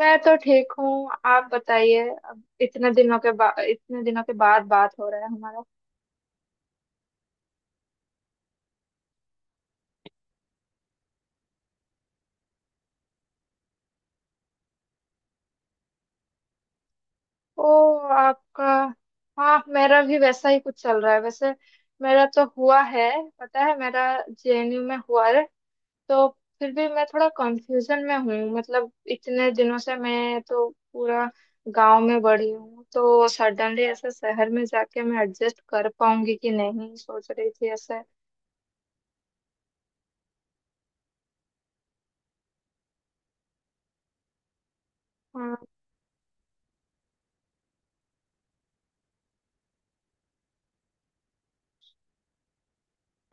मैं तो ठीक हूँ। आप बताइए, अब इतने दिनों के बाद बात हो रहा है हमारा। ओ, आपका। हाँ, मेरा भी वैसा ही कुछ चल रहा है वैसे। मेरा तो हुआ है। पता है, मेरा जेएनयू में हुआ है। तो फिर भी मैं थोड़ा कंफ्यूजन में हूँ, मतलब इतने दिनों से मैं तो पूरा गांव में बड़ी हूँ, तो सडनली ऐसे शहर में जाके मैं एडजस्ट कर पाऊंगी कि नहीं सोच रही थी ऐसे। हाँ।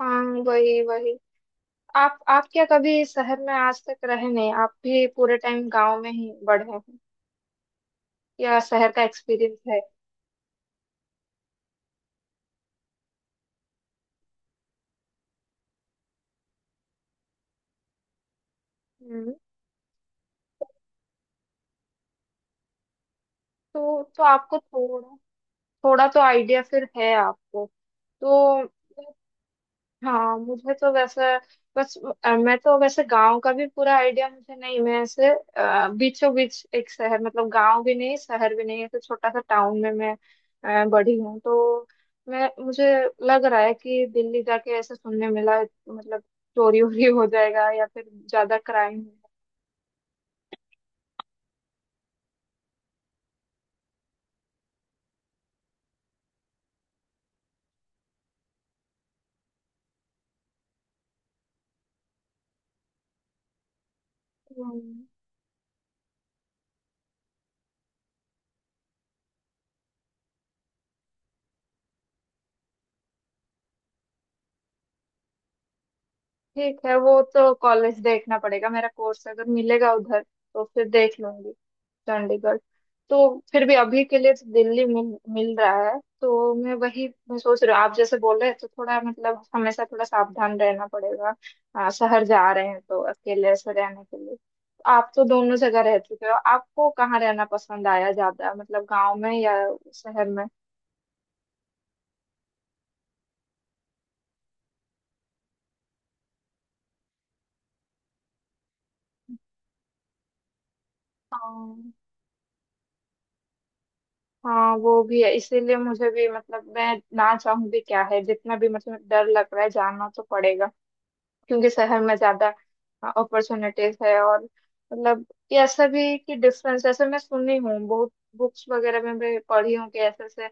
हाँ, वही वही। आप क्या कभी शहर में आज तक रहे नहीं? आप भी पूरे टाइम गांव में ही बढ़े हैं या शहर का एक्सपीरियंस है? हम्म। तो आपको थोड़ा, थोड़ा तो आइडिया फिर है आपको। तो हाँ, मुझे तो वैसे बस मैं तो वैसे गांव का भी पूरा आइडिया मुझे नहीं। मैं ऐसे बीचों बीच एक शहर, मतलब गांव भी नहीं शहर भी नहीं, ऐसे छोटा सा टाउन में मैं बड़ी हूँ। तो मैं मुझे लग रहा है कि दिल्ली जाके ऐसे सुनने मिला, मतलब चोरी वोरी हो जाएगा या फिर ज्यादा क्राइम। हम्म। ठीक है, वो तो कॉलेज देखना पड़ेगा। मेरा कोर्स अगर मिलेगा उधर, तो फिर देख लूंगी चंडीगढ़। तो फिर भी अभी के लिए तो दिल्ली मिल मिल रहा है, तो मैं वही मैं सोच रही हूँ। आप जैसे बोल रहे हैं तो थोड़ा, मतलब हमेशा थोड़ा सावधान रहना पड़ेगा। शहर जा रहे हैं तो अकेले से रहने के लिए। आप तो दोनों जगह रह चुके हो, आपको कहाँ रहना पसंद आया ज्यादा, मतलब गांव में या शहर में? हाँ। हाँ, वो भी है, इसीलिए मुझे भी, मतलब मैं ना चाहूँ भी क्या है, जितना भी, मतलब डर लग रहा है, जाना तो पड़ेगा क्योंकि शहर में ज्यादा अपॉर्चुनिटीज है। और, मतलब ये ऐसा भी है कि डिफरेंस ऐसे मैं सुनी हूँ, बहुत बुक्स वगैरह में भी पढ़ी हूँ कि ऐसे ऐसे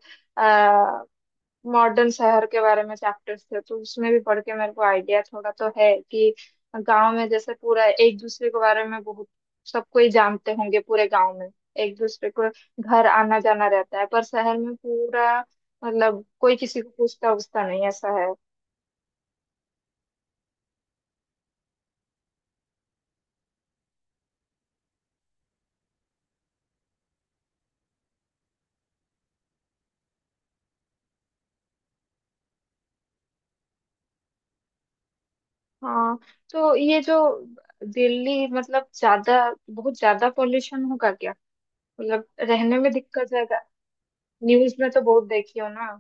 मॉडर्न शहर के बारे में चैप्टर्स थे, तो उसमें भी पढ़ के मेरे को आइडिया थोड़ा तो है कि गांव में जैसे पूरा एक दूसरे के बारे में बहुत, सबको ही जानते होंगे पूरे गांव में, एक दूसरे को। घर आना जाना रहता है। पर शहर में पूरा, मतलब कोई किसी को पूछता उछता नहीं, ऐसा है। हाँ। तो ये जो दिल्ली, मतलब ज्यादा, बहुत ज्यादा पॉल्यूशन होगा क्या? मतलब रहने में दिक्कत ज्यादा? न्यूज में तो बहुत देखी हो ना।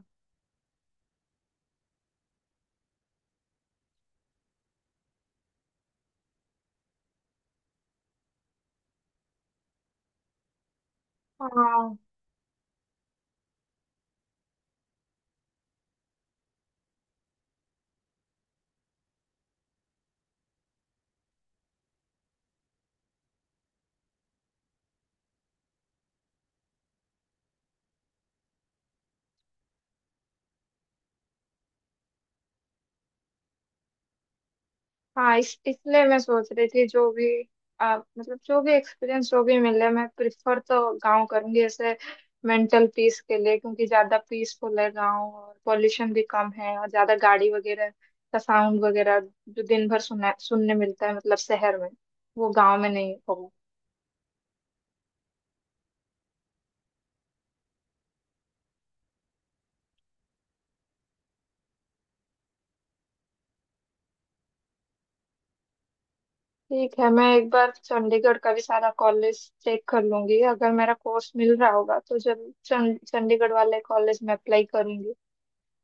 हाँ। हाँ, इस इसलिए मैं सोच रही थी, जो भी मतलब जो भी एक्सपीरियंस जो भी मिले, मैं प्रिफर तो गांव करूंगी ऐसे, मेंटल पीस के लिए, क्योंकि ज्यादा पीसफुल है गांव और पॉल्यूशन भी कम है, और ज्यादा गाड़ी वगैरह का साउंड वगैरह जो दिन भर सुना सुनने मिलता है, मतलब शहर में, वो गांव में नहीं होगा। ठीक है, मैं एक बार चंडीगढ़ का भी सारा कॉलेज चेक कर लूंगी। अगर मेरा कोर्स मिल रहा होगा, तो जब चंडीगढ़ वाले कॉलेज में अप्लाई करूंगी।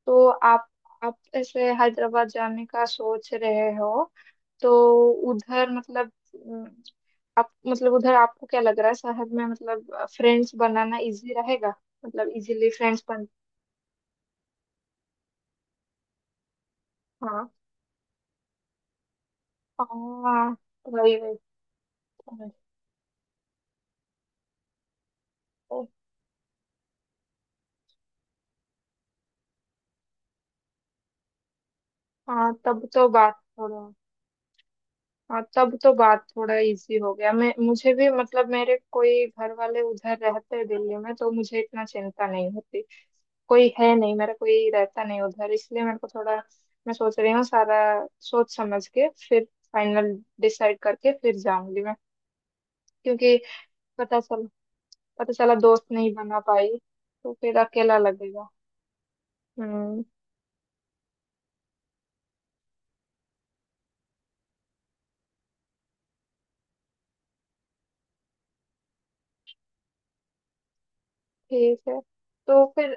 तो आप ऐसे हैदराबाद जाने का सोच रहे हो? तो उधर, मतलब आप, मतलब उधर आपको क्या लग रहा है शहर में, मतलब फ्रेंड्स बनाना इजी रहेगा? मतलब इजीली फ्रेंड्स बन। हाँ। हाँ, वही वही। समझ गई। हाँ, तब तो बात हो रहा। हाँ, तब तो बात थोड़ा इजी हो गया। मैं मुझे भी, मतलब मेरे कोई घर वाले उधर रहते हैं दिल्ली में तो मुझे इतना चिंता नहीं होती। कोई है नहीं, मेरा कोई रहता नहीं उधर, इसलिए मेरे को थोड़ा, मैं सोच रही हूँ सारा सोच समझ के, फिर फाइनल डिसाइड करके फिर जाऊंगी मैं। क्योंकि पता चल पता चला दोस्त नहीं बना पाई तो फिर अकेला लगेगा। हम्म। ठीक है। तो फिर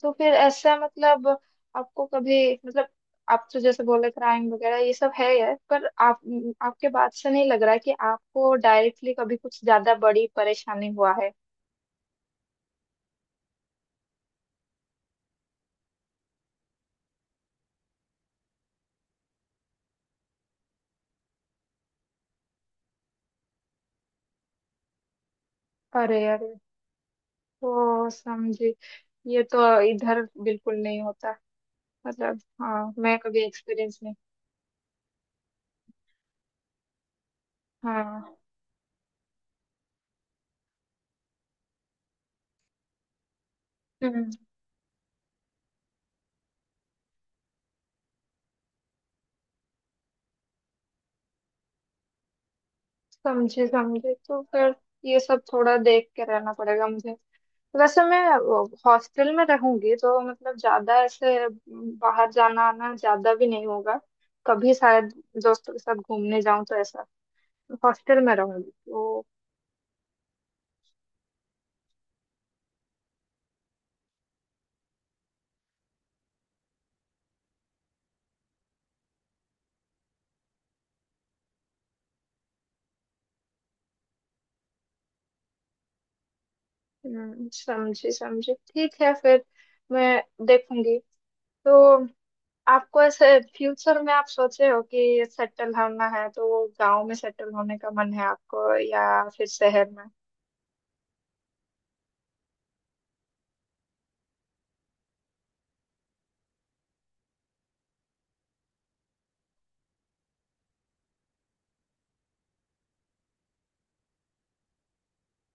तो फिर ऐसा, मतलब आपको कभी, मतलब आप तो जैसे बोले क्राइम वगैरह ये सब है यार, पर आप आपके बात से नहीं लग रहा है कि आपको डायरेक्टली कभी कुछ ज्यादा बड़ी परेशानी हुआ है। अरे अरे। तो समझी, ये तो इधर बिल्कुल नहीं होता, मतलब। हाँ, मैं कभी एक्सपीरियंस नहीं। हाँ। समझे समझे। तो फिर ये सब थोड़ा देख के रहना पड़ेगा मुझे। वैसे मैं हॉस्टल में रहूंगी तो, मतलब ज्यादा ऐसे बाहर जाना आना ज्यादा भी नहीं होगा। कभी शायद दोस्तों के साथ घूमने जाऊं तो ऐसा। हॉस्टल में रहूंगी तो। हम्म। समझी समझी, ठीक है फिर। मैं देखूंगी। तो आपको ऐसे फ्यूचर में आप सोचे हो कि सेटल होना है, तो गांव में सेटल होने का मन है आपको या फिर शहर में?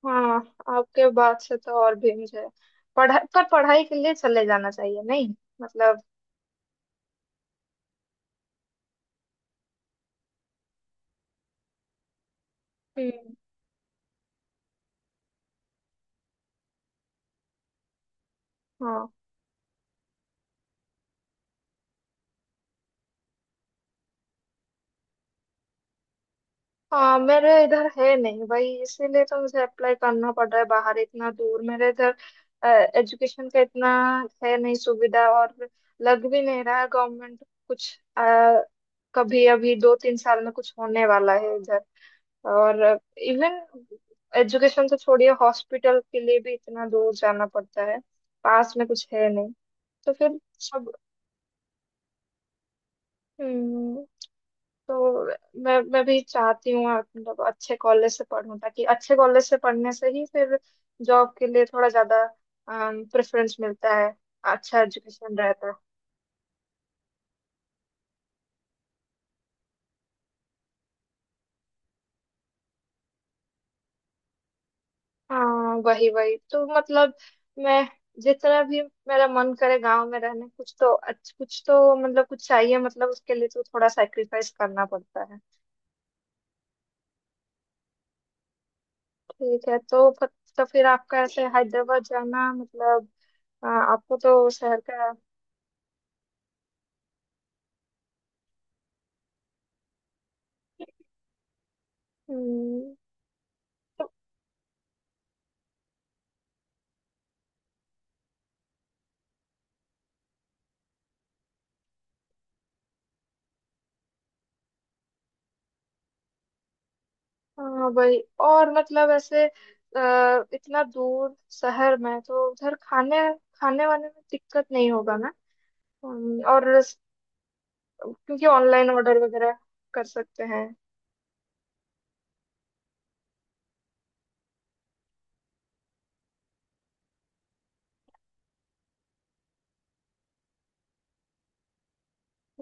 हाँ, आपके बात से तो और भी मुझे पढ़ाई पर, पढ़ाई के लिए चले जाना चाहिए नहीं, मतलब। हम्म। हाँ। हाँ, मेरे इधर है नहीं भाई, इसीलिए तो मुझे अप्लाई करना पड़ रहा है बाहर इतना दूर। मेरे इधर एजुकेशन का इतना है नहीं सुविधा, और लग भी नहीं रहा है गवर्नमेंट कुछ अ, कभी अभी 2-3 साल में कुछ होने वाला है इधर, और इवन एजुकेशन तो छोड़िए हॉस्पिटल के लिए भी इतना दूर जाना पड़ता है, पास में कुछ है नहीं। तो फिर सब। हम्म। तो मैं भी चाहती हूँ, मतलब अच्छे कॉलेज से पढूं, ताकि अच्छे कॉलेज से पढ़ने से ही फिर जॉब के लिए थोड़ा ज्यादा प्रेफरेंस मिलता है, अच्छा एजुकेशन रहता है। हाँ, वही वही। तो मतलब मैं, जितना भी मेरा मन करे गांव में रहने, कुछ तो कुछ तो, मतलब कुछ चाहिए, मतलब उसके लिए तो थोड़ा सैक्रिफाइस करना पड़ता है। ठीक है, तो फिर आपका ऐसे हैदराबाद जाना, मतलब आ, आपको तो शहर का। हम्म। हाँ, वही। और मतलब ऐसे इतना दूर शहर में तो उधर खाने खाने वाने में दिक्कत नहीं होगा ना? और क्योंकि ऑनलाइन ऑर्डर वगैरह कर सकते हैं।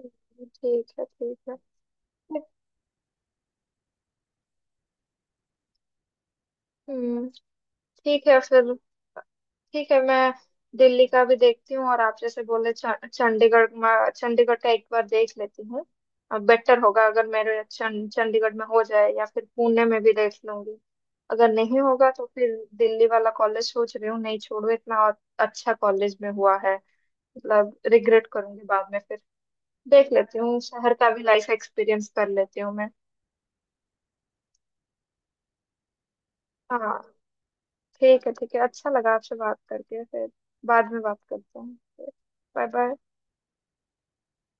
ठीक है, ठीक है। हम्म। ठीक है फिर। ठीक है, मैं दिल्ली का भी देखती हूँ, और आप जैसे बोले चंडीगढ़ में, चंडीगढ़ का एक बार देख लेती हूँ। अब बेटर होगा अगर मेरे चंडीगढ़ में हो जाए, या फिर पुणे में भी देख लूंगी। अगर नहीं होगा तो फिर दिल्ली वाला कॉलेज सोच रही हूँ, नहीं, छोड़ो, इतना और अच्छा कॉलेज में हुआ है, मतलब रिग्रेट करूंगी बाद में फिर। देख लेती हूँ शहर का भी लाइफ, एक्सपीरियंस कर लेती हूँ मैं। हाँ। ठीक है, ठीक है, अच्छा लगा आपसे बात करके। फिर बाद में बात करते हैं। Bye bye.